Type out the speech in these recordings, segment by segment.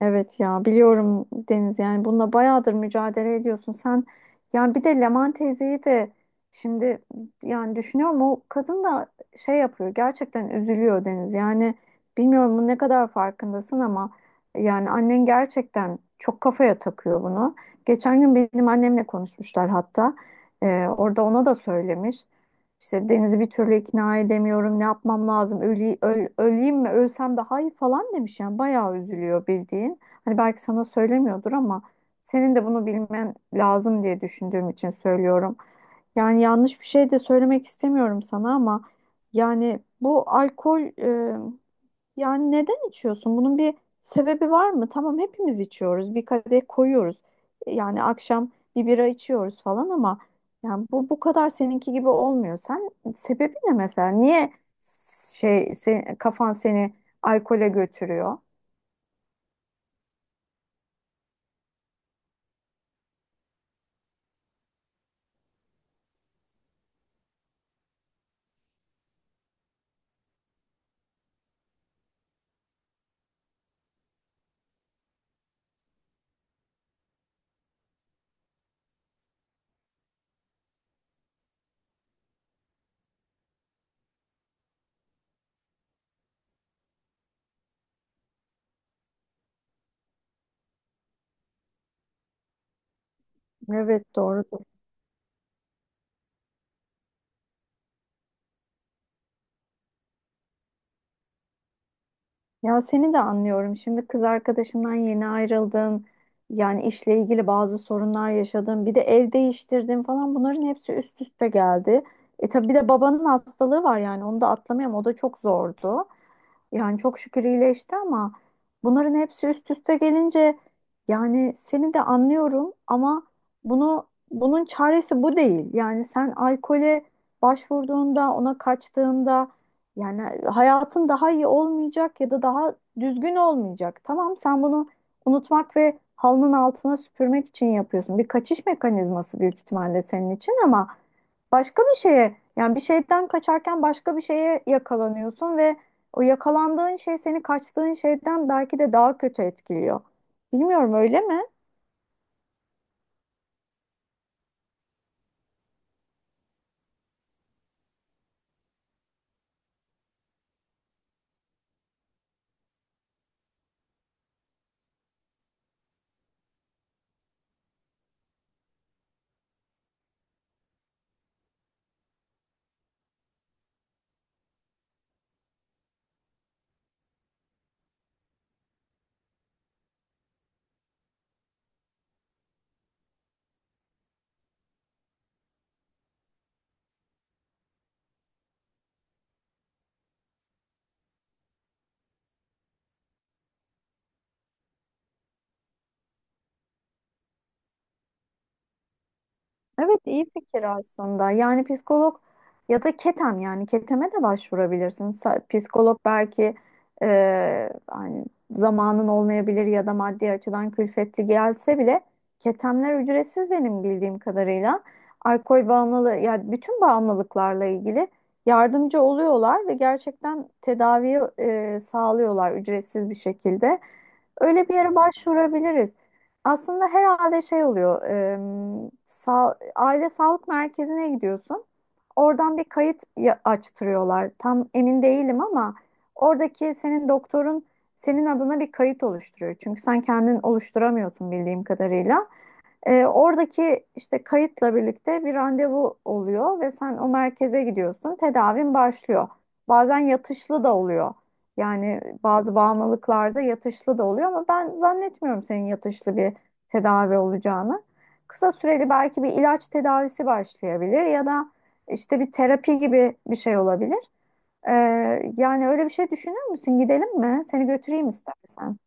Evet ya biliyorum Deniz yani bununla bayağıdır mücadele ediyorsun. Sen yani bir de Leman teyzeyi de şimdi yani düşünüyorum o kadın da şey yapıyor gerçekten üzülüyor Deniz. Yani bilmiyorum bu ne kadar farkındasın ama yani annen gerçekten çok kafaya takıyor bunu. Geçen gün benim annemle konuşmuşlar hatta orada ona da söylemiş. İşte Deniz'i bir türlü ikna edemiyorum. Ne yapmam lazım? Öleyim mi? Ölsem daha iyi falan demiş yani. Bayağı üzülüyor bildiğin. Hani belki sana söylemiyordur ama senin de bunu bilmen lazım diye düşündüğüm için söylüyorum. Yani yanlış bir şey de söylemek istemiyorum sana ama yani bu alkol yani neden içiyorsun? Bunun bir sebebi var mı? Tamam hepimiz içiyoruz. Bir kadeh koyuyoruz. Yani akşam bir bira içiyoruz falan ama yani bu kadar seninki gibi olmuyor. Sen sebebi ne mesela? Niye kafan seni alkole götürüyor? Evet doğru. Ya seni de anlıyorum. Şimdi kız arkadaşından yeni ayrıldın. Yani işle ilgili bazı sorunlar yaşadın. Bir de ev değiştirdin falan. Bunların hepsi üst üste geldi. E tabii bir de babanın hastalığı var yani. Onu da atlamayalım. O da çok zordu. Yani çok şükür iyileşti ama bunların hepsi üst üste gelince yani seni de anlıyorum ama bunun çaresi bu değil. Yani sen alkole başvurduğunda, ona kaçtığında yani hayatın daha iyi olmayacak ya da daha düzgün olmayacak. Tamam sen bunu unutmak ve halının altına süpürmek için yapıyorsun. Bir kaçış mekanizması büyük ihtimalle senin için ama başka bir şeye yani bir şeyden kaçarken başka bir şeye yakalanıyorsun ve o yakalandığın şey seni kaçtığın şeyden belki de daha kötü etkiliyor. Bilmiyorum öyle mi? Evet iyi fikir aslında. Yani psikolog ya da ketem yani keteme de başvurabilirsin. Psikolog belki hani zamanın olmayabilir ya da maddi açıdan külfetli gelse bile ketemler ücretsiz benim bildiğim kadarıyla. Alkol bağımlılığı yani bütün bağımlılıklarla ilgili yardımcı oluyorlar ve gerçekten tedaviyi sağlıyorlar ücretsiz bir şekilde. Öyle bir yere başvurabiliriz. Aslında herhalde şey oluyor. Aile sağlık merkezine gidiyorsun. Oradan bir açtırıyorlar. Tam emin değilim ama oradaki senin doktorun senin adına bir kayıt oluşturuyor. Çünkü sen kendin oluşturamıyorsun bildiğim kadarıyla. Oradaki işte kayıtla birlikte bir randevu oluyor ve sen o merkeze gidiyorsun. Tedavin başlıyor. Bazen yatışlı da oluyor. Yani bazı bağımlılıklarda yatışlı da oluyor ama ben zannetmiyorum senin yatışlı bir tedavi olacağını. Kısa süreli belki bir ilaç tedavisi başlayabilir ya da işte bir terapi gibi bir şey olabilir. E, Yani öyle bir şey düşünür müsün? Gidelim mi? Seni götüreyim istersen.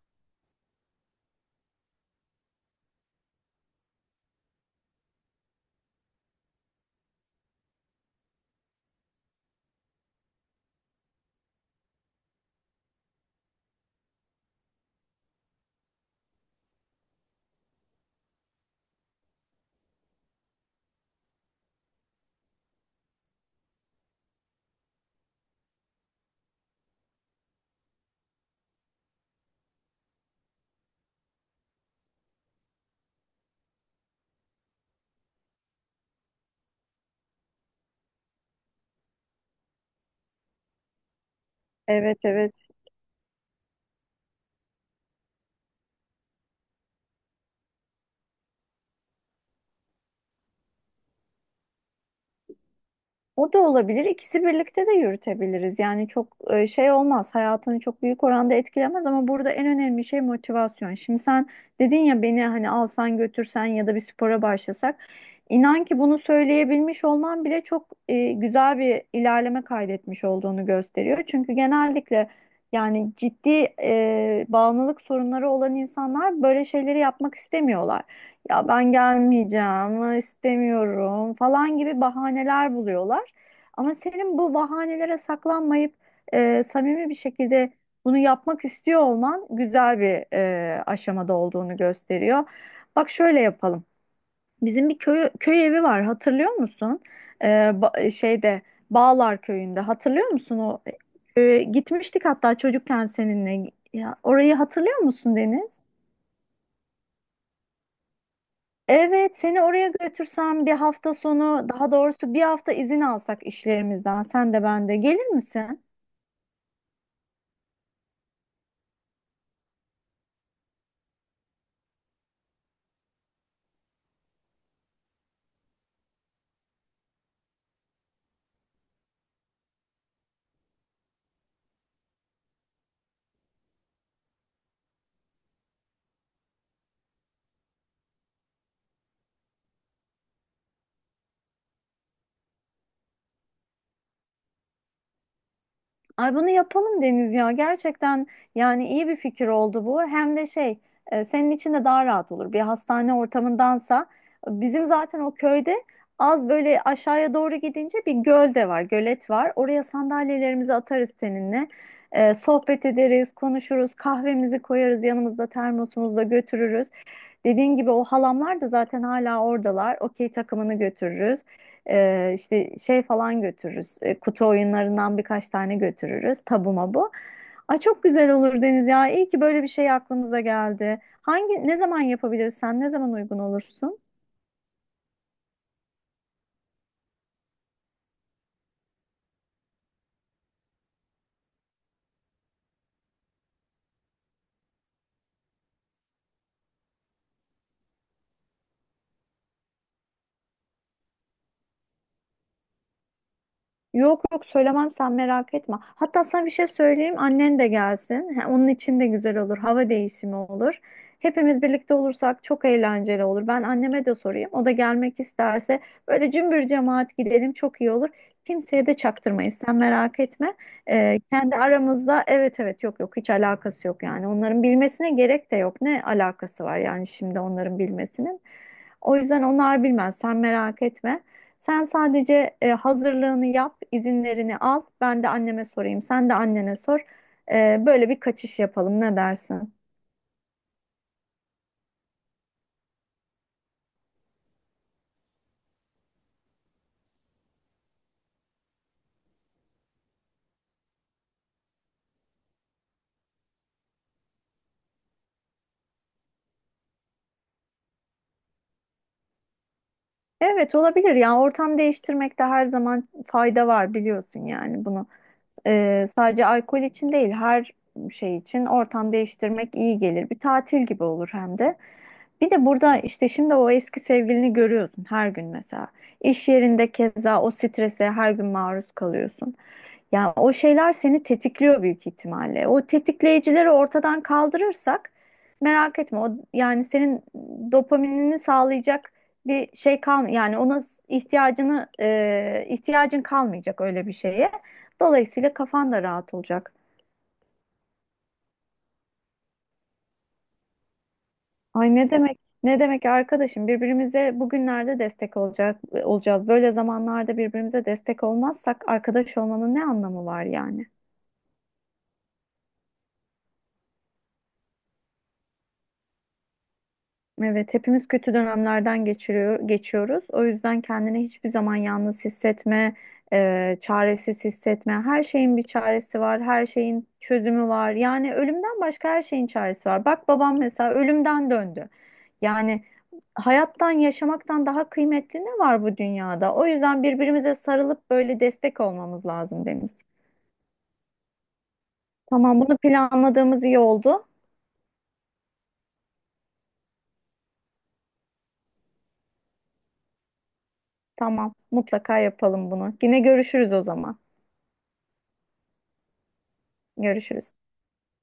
Evet, evet. O da olabilir. İkisi birlikte de yürütebiliriz. Yani çok şey olmaz. Hayatını çok büyük oranda etkilemez ama burada en önemli şey motivasyon. Şimdi sen dedin ya beni hani alsan götürsen ya da bir spora başlasak. İnan ki bunu söyleyebilmiş olman bile çok güzel bir ilerleme kaydetmiş olduğunu gösteriyor. Çünkü genellikle yani ciddi bağımlılık sorunları olan insanlar böyle şeyleri yapmak istemiyorlar. Ya ben gelmeyeceğim, istemiyorum falan gibi bahaneler buluyorlar. Ama senin bu bahanelere saklanmayıp samimi bir şekilde bunu yapmak istiyor olman güzel bir aşamada olduğunu gösteriyor. Bak şöyle yapalım. Bizim bir köy evi var hatırlıyor musun? E, ba- şeyde Bağlar Köyü'nde hatırlıyor musun o gitmiştik hatta çocukken seninle. Ya, orayı hatırlıyor musun Deniz? Evet, seni oraya götürsem bir hafta sonu, daha doğrusu bir hafta izin alsak işlerimizden, sen de ben de gelir misin? Ay bunu yapalım Deniz ya. Gerçekten yani iyi bir fikir oldu bu. Hem de şey senin için de daha rahat olur. Bir hastane ortamındansa bizim zaten o köyde az böyle aşağıya doğru gidince bir göl de var, gölet var. Oraya sandalyelerimizi atarız seninle. Sohbet ederiz, konuşuruz, kahvemizi koyarız yanımızda termosumuzda götürürüz. Dediğin gibi o halamlar da zaten hala oradalar. Okey takımını götürürüz. İşte şey falan götürürüz. Kutu oyunlarından birkaç tane götürürüz. Tabu mabu. Ay çok güzel olur Deniz ya. İyi ki böyle bir şey aklımıza geldi. Hangi ne zaman yapabiliriz sen? Ne zaman uygun olursun? Yok yok söylemem sen merak etme. Hatta sana bir şey söyleyeyim annen de gelsin. Ha, onun için de güzel olur. Hava değişimi olur. Hepimiz birlikte olursak çok eğlenceli olur. Ben anneme de sorayım. O da gelmek isterse böyle cümbür cemaat gidelim çok iyi olur. Kimseye de çaktırmayız sen merak etme. Kendi aramızda evet evet yok yok hiç alakası yok yani. Onların bilmesine gerek de yok. Ne alakası var yani şimdi onların bilmesinin. O yüzden onlar bilmez sen merak etme. Sen sadece hazırlığını yap, izinlerini al. Ben de anneme sorayım, sen de annene sor. Böyle bir kaçış yapalım. Ne dersin? Evet olabilir yani ortam değiştirmekte her zaman fayda var biliyorsun yani bunu. Sadece alkol için değil her şey için ortam değiştirmek iyi gelir. Bir tatil gibi olur hem de. Bir de burada işte şimdi o eski sevgilini görüyorsun her gün mesela. İş yerinde keza o strese her gün maruz kalıyorsun. Yani o şeyler seni tetikliyor büyük ihtimalle. O tetikleyicileri ortadan kaldırırsak merak etme o yani senin dopaminini sağlayacak bir şey kal yani ihtiyacını ihtiyacın kalmayacak öyle bir şeye. Dolayısıyla kafan da rahat olacak. Ay ne demek? Ne demek arkadaşım? Birbirimize bugünlerde destek olacak olacağız. Böyle zamanlarda birbirimize destek olmazsak arkadaş olmanın ne anlamı var yani? Evet, hepimiz kötü dönemlerden geçiriyor, geçiyoruz. O yüzden kendini hiçbir zaman yalnız hissetme, çaresiz hissetme. Her şeyin bir çaresi var, her şeyin çözümü var. Yani ölümden başka her şeyin çaresi var. Bak babam mesela ölümden döndü. Yani hayattan, yaşamaktan daha kıymetli ne var bu dünyada? O yüzden birbirimize sarılıp böyle destek olmamız lazım Deniz. Tamam, bunu planladığımız iyi oldu. Tamam, mutlaka yapalım bunu. Yine görüşürüz o zaman. Görüşürüz.